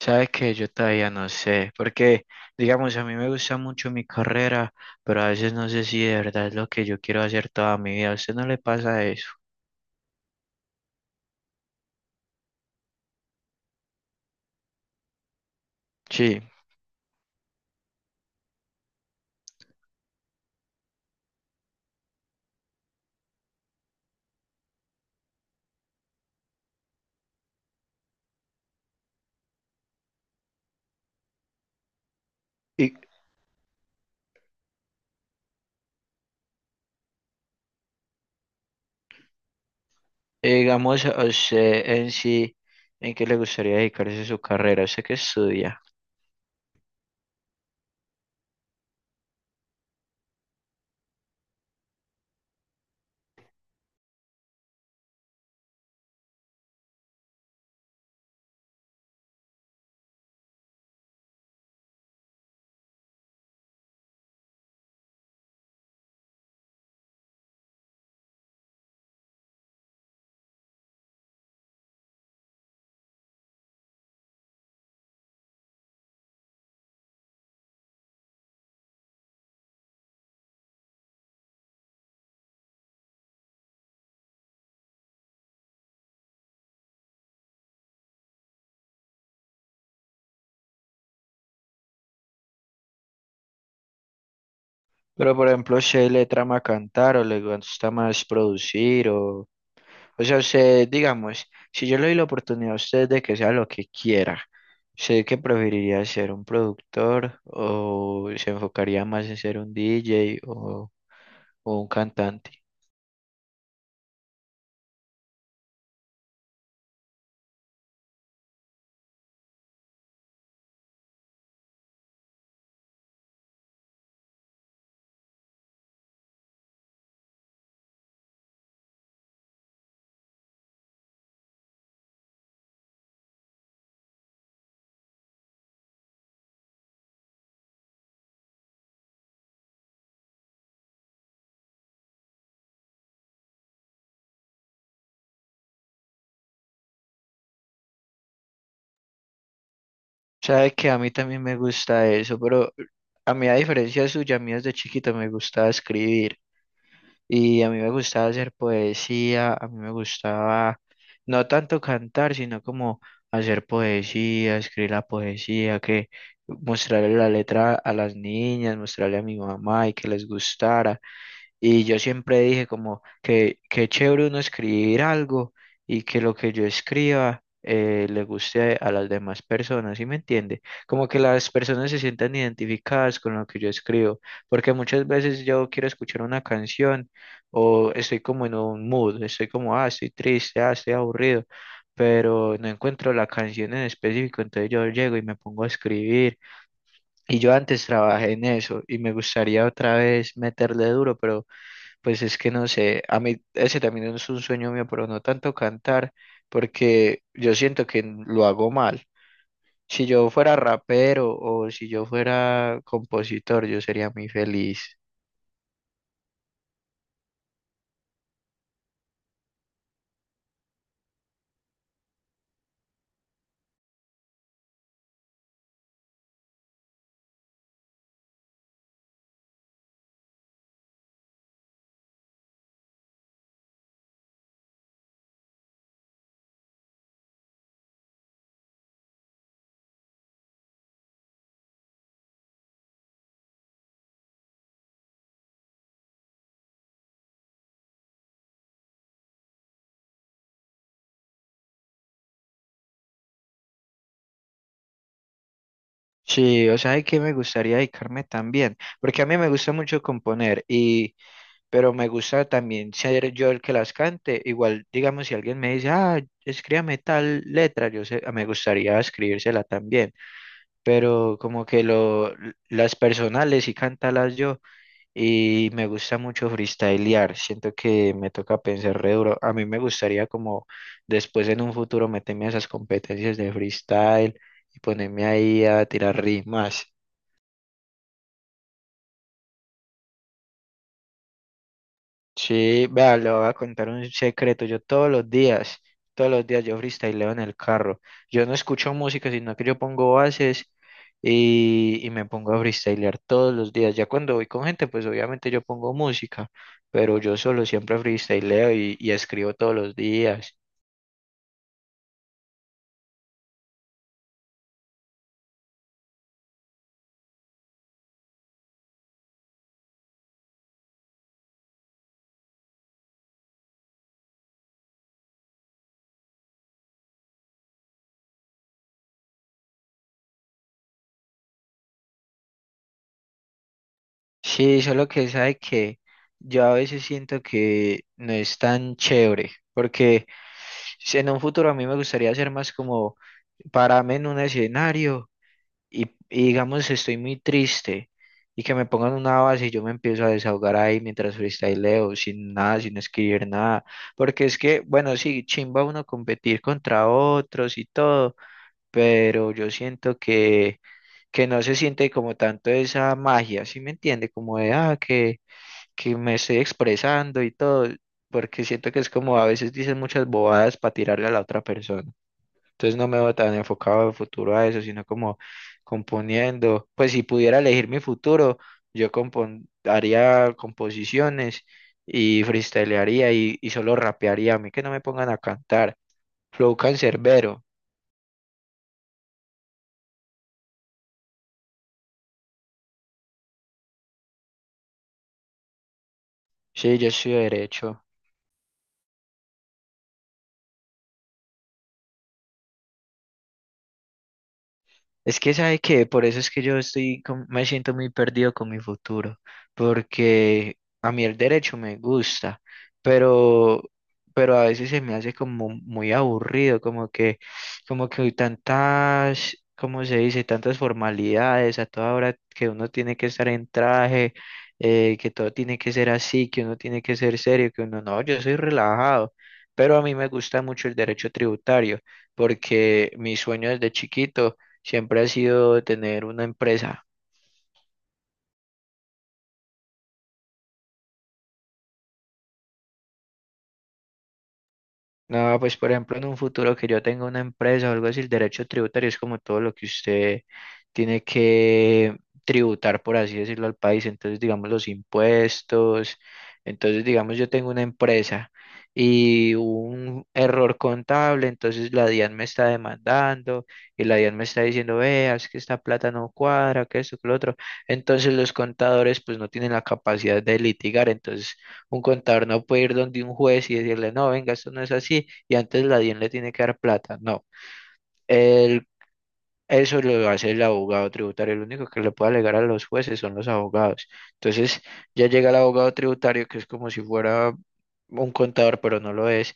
Sabes que yo todavía no sé, porque digamos, a mí me gusta mucho mi carrera, pero a veces no sé si de verdad es lo que yo quiero hacer toda mi vida. ¿A usted no le pasa eso? Sí. Y digamos, a usted en sí, ¿en qué le gustaría dedicarse su carrera? Sé que estudia. Pero por ejemplo, ¿se le trama cantar o le gusta más producir o...? O sea, usted, digamos, si yo le doy la oportunidad a usted de que sea lo que quiera, ¿usted qué preferiría ser un productor o se enfocaría más en ser un DJ o un cantante? Sabe que a mí también me gusta eso, pero a mí, a diferencia suya, a mí desde chiquito me gustaba escribir. Y a mí me gustaba hacer poesía, a mí me gustaba no tanto cantar, sino como hacer poesía, escribir la poesía, que mostrarle la letra a las niñas, mostrarle a mi mamá y que les gustara. Y yo siempre dije como que qué chévere uno escribir algo y que lo que yo escriba, le guste a las demás personas, ¿sí me entiende? Como que las personas se sientan identificadas con lo que yo escribo, porque muchas veces yo quiero escuchar una canción o estoy como en un mood, estoy como, ah, estoy triste, ah, estoy aburrido, pero no encuentro la canción en específico, entonces yo llego y me pongo a escribir. Y yo antes trabajé en eso y me gustaría otra vez meterle duro, pero pues es que no sé, a mí ese también es un sueño mío, pero no tanto cantar, porque yo siento que lo hago mal. Si yo fuera rapero o si yo fuera compositor, yo sería muy feliz. Sí, o sea, hay que me gustaría dedicarme también, porque a mí me gusta mucho componer, pero me gusta también ser yo el que las cante. Igual, digamos, si alguien me dice, ah, escríbame tal letra, yo sé, me gustaría escribírsela también. Pero como que lo, las personales y cantarlas yo y me gusta mucho freestylear, siento que me toca pensar re duro, a mí me gustaría como después en un futuro meterme a esas competencias de freestyle y ponerme ahí a tirar rimas. Sí, vea, le voy a contar un secreto. Yo todos los días, Todos los días yo freestyleo en el carro. Yo no escucho música, sino que yo pongo bases y me pongo a freestylear todos los días. Ya cuando voy con gente, pues obviamente yo pongo música, pero yo solo siempre freestyleo y escribo todos los días. Sí, solo que sabe que yo a veces siento que no es tan chévere, porque si en un futuro a mí me gustaría ser más como pararme en un escenario y digamos estoy muy triste y que me pongan una base y yo me empiezo a desahogar ahí mientras freestyleo, sin nada, sin escribir nada, porque es que, bueno, sí, chimba uno competir contra otros y todo, pero yo siento que no se siente como tanto esa magia, ¿sí me entiende? Como de, ah, que me estoy expresando y todo, porque siento que es como a veces dicen muchas bobadas para tirarle a la otra persona. Entonces no me veo tan enfocado en futuro a eso, sino como componiendo. Pues si pudiera elegir mi futuro, yo haría composiciones y freestylearía y solo rapearía. A mí que no me pongan a cantar. Flow cancerbero. Sí, yo soy derecho. Es que sabe que por eso es que yo me siento muy perdido con mi futuro, porque a mí el derecho me gusta, pero, pero a veces se me hace como muy aburrido, como que hay tantas, ¿cómo se dice? Tantas formalidades a toda hora que uno tiene que estar en traje, que todo tiene que ser así, que uno tiene que ser serio, que uno no, yo soy relajado, pero a mí me gusta mucho el derecho tributario, porque mi sueño desde chiquito siempre ha sido de tener una empresa. No, pues por ejemplo, en un futuro que yo tenga una empresa o algo así, el derecho tributario es como todo lo que usted tiene que tributar, por así decirlo, al país. Entonces, digamos, los impuestos. Entonces, digamos, yo tengo una empresa y hubo un error contable, entonces la DIAN me está demandando y la DIAN me está diciendo, veas que esta plata no cuadra, que esto, que lo otro. Entonces, los contadores pues no tienen la capacidad de litigar, entonces un contador no puede ir donde un juez y decirle, no, venga, esto no es así, y antes la DIAN le tiene que dar plata. No, el- eso lo hace el abogado tributario. Lo único que le puede alegar a los jueces son los abogados. Entonces ya llega el abogado tributario, que es como si fuera un contador, pero no lo es,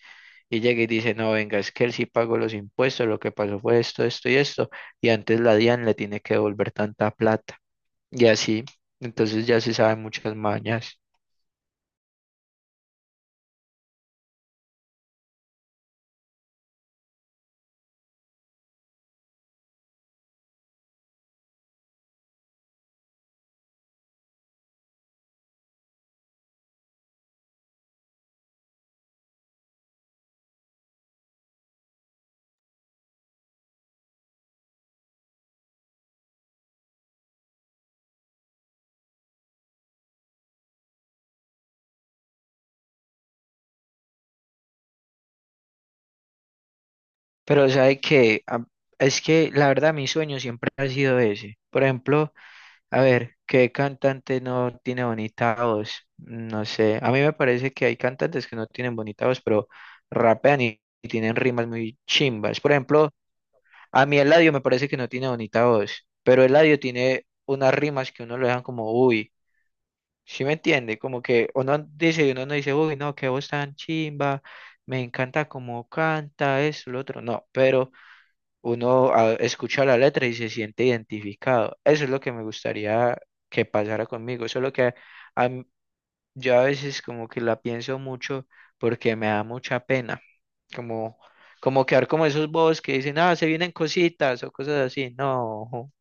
y llega y dice, no, venga, es que él sí pagó los impuestos, lo que pasó fue esto, esto y esto, y antes la DIAN le tiene que devolver tanta plata. Y así, entonces ya se saben muchas mañas. Pero sabe es que la verdad mi sueño siempre ha sido ese. Por ejemplo, a ver, ¿qué cantante no tiene bonita voz? No sé, a mí me parece que hay cantantes que no tienen bonita voz, pero rapean y tienen rimas muy chimbas. Por ejemplo, a mí Eladio me parece que no tiene bonita voz, pero Eladio tiene unas rimas que uno lo dejan como, uy, ¿sí me entiende? Como que uno dice, uno no dice, uy, no, qué voz tan chimba, me encanta cómo canta, eso, lo otro, no, pero... Uno ah, escucha la letra y se siente identificado. Eso es lo que me gustaría que pasara conmigo. Solo que a m- yo a veces como que la pienso mucho porque me da mucha pena. Como, como quedar como esos bobos que dicen, ah, se vienen cositas o cosas así. No.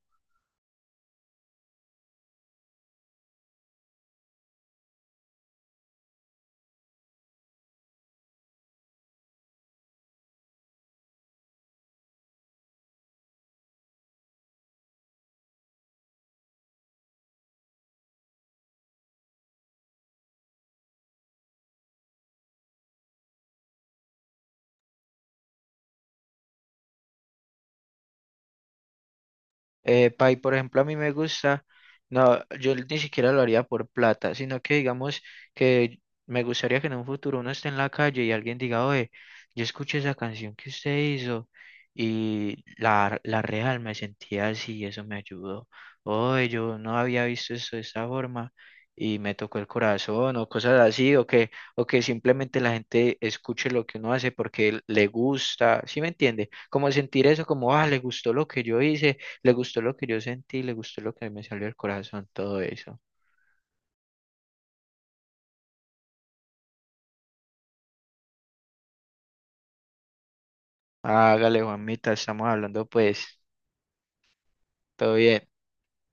Pay, por ejemplo, a mí me gusta, no, yo ni siquiera lo haría por plata, sino que digamos que me gustaría que en un futuro uno esté en la calle y alguien diga, oye, yo escuché esa canción que usted hizo y la real me sentía así y eso me ayudó. Oye, yo no había visto eso de esa forma y me tocó el corazón o cosas así, o que simplemente la gente escuche lo que uno hace porque le gusta, ¿sí me entiende? Como sentir eso, como, ah, le gustó lo que yo hice, le gustó lo que yo sentí, le gustó lo que me salió del corazón, todo eso. Hágale, Juanmita, estamos hablando pues, todo bien.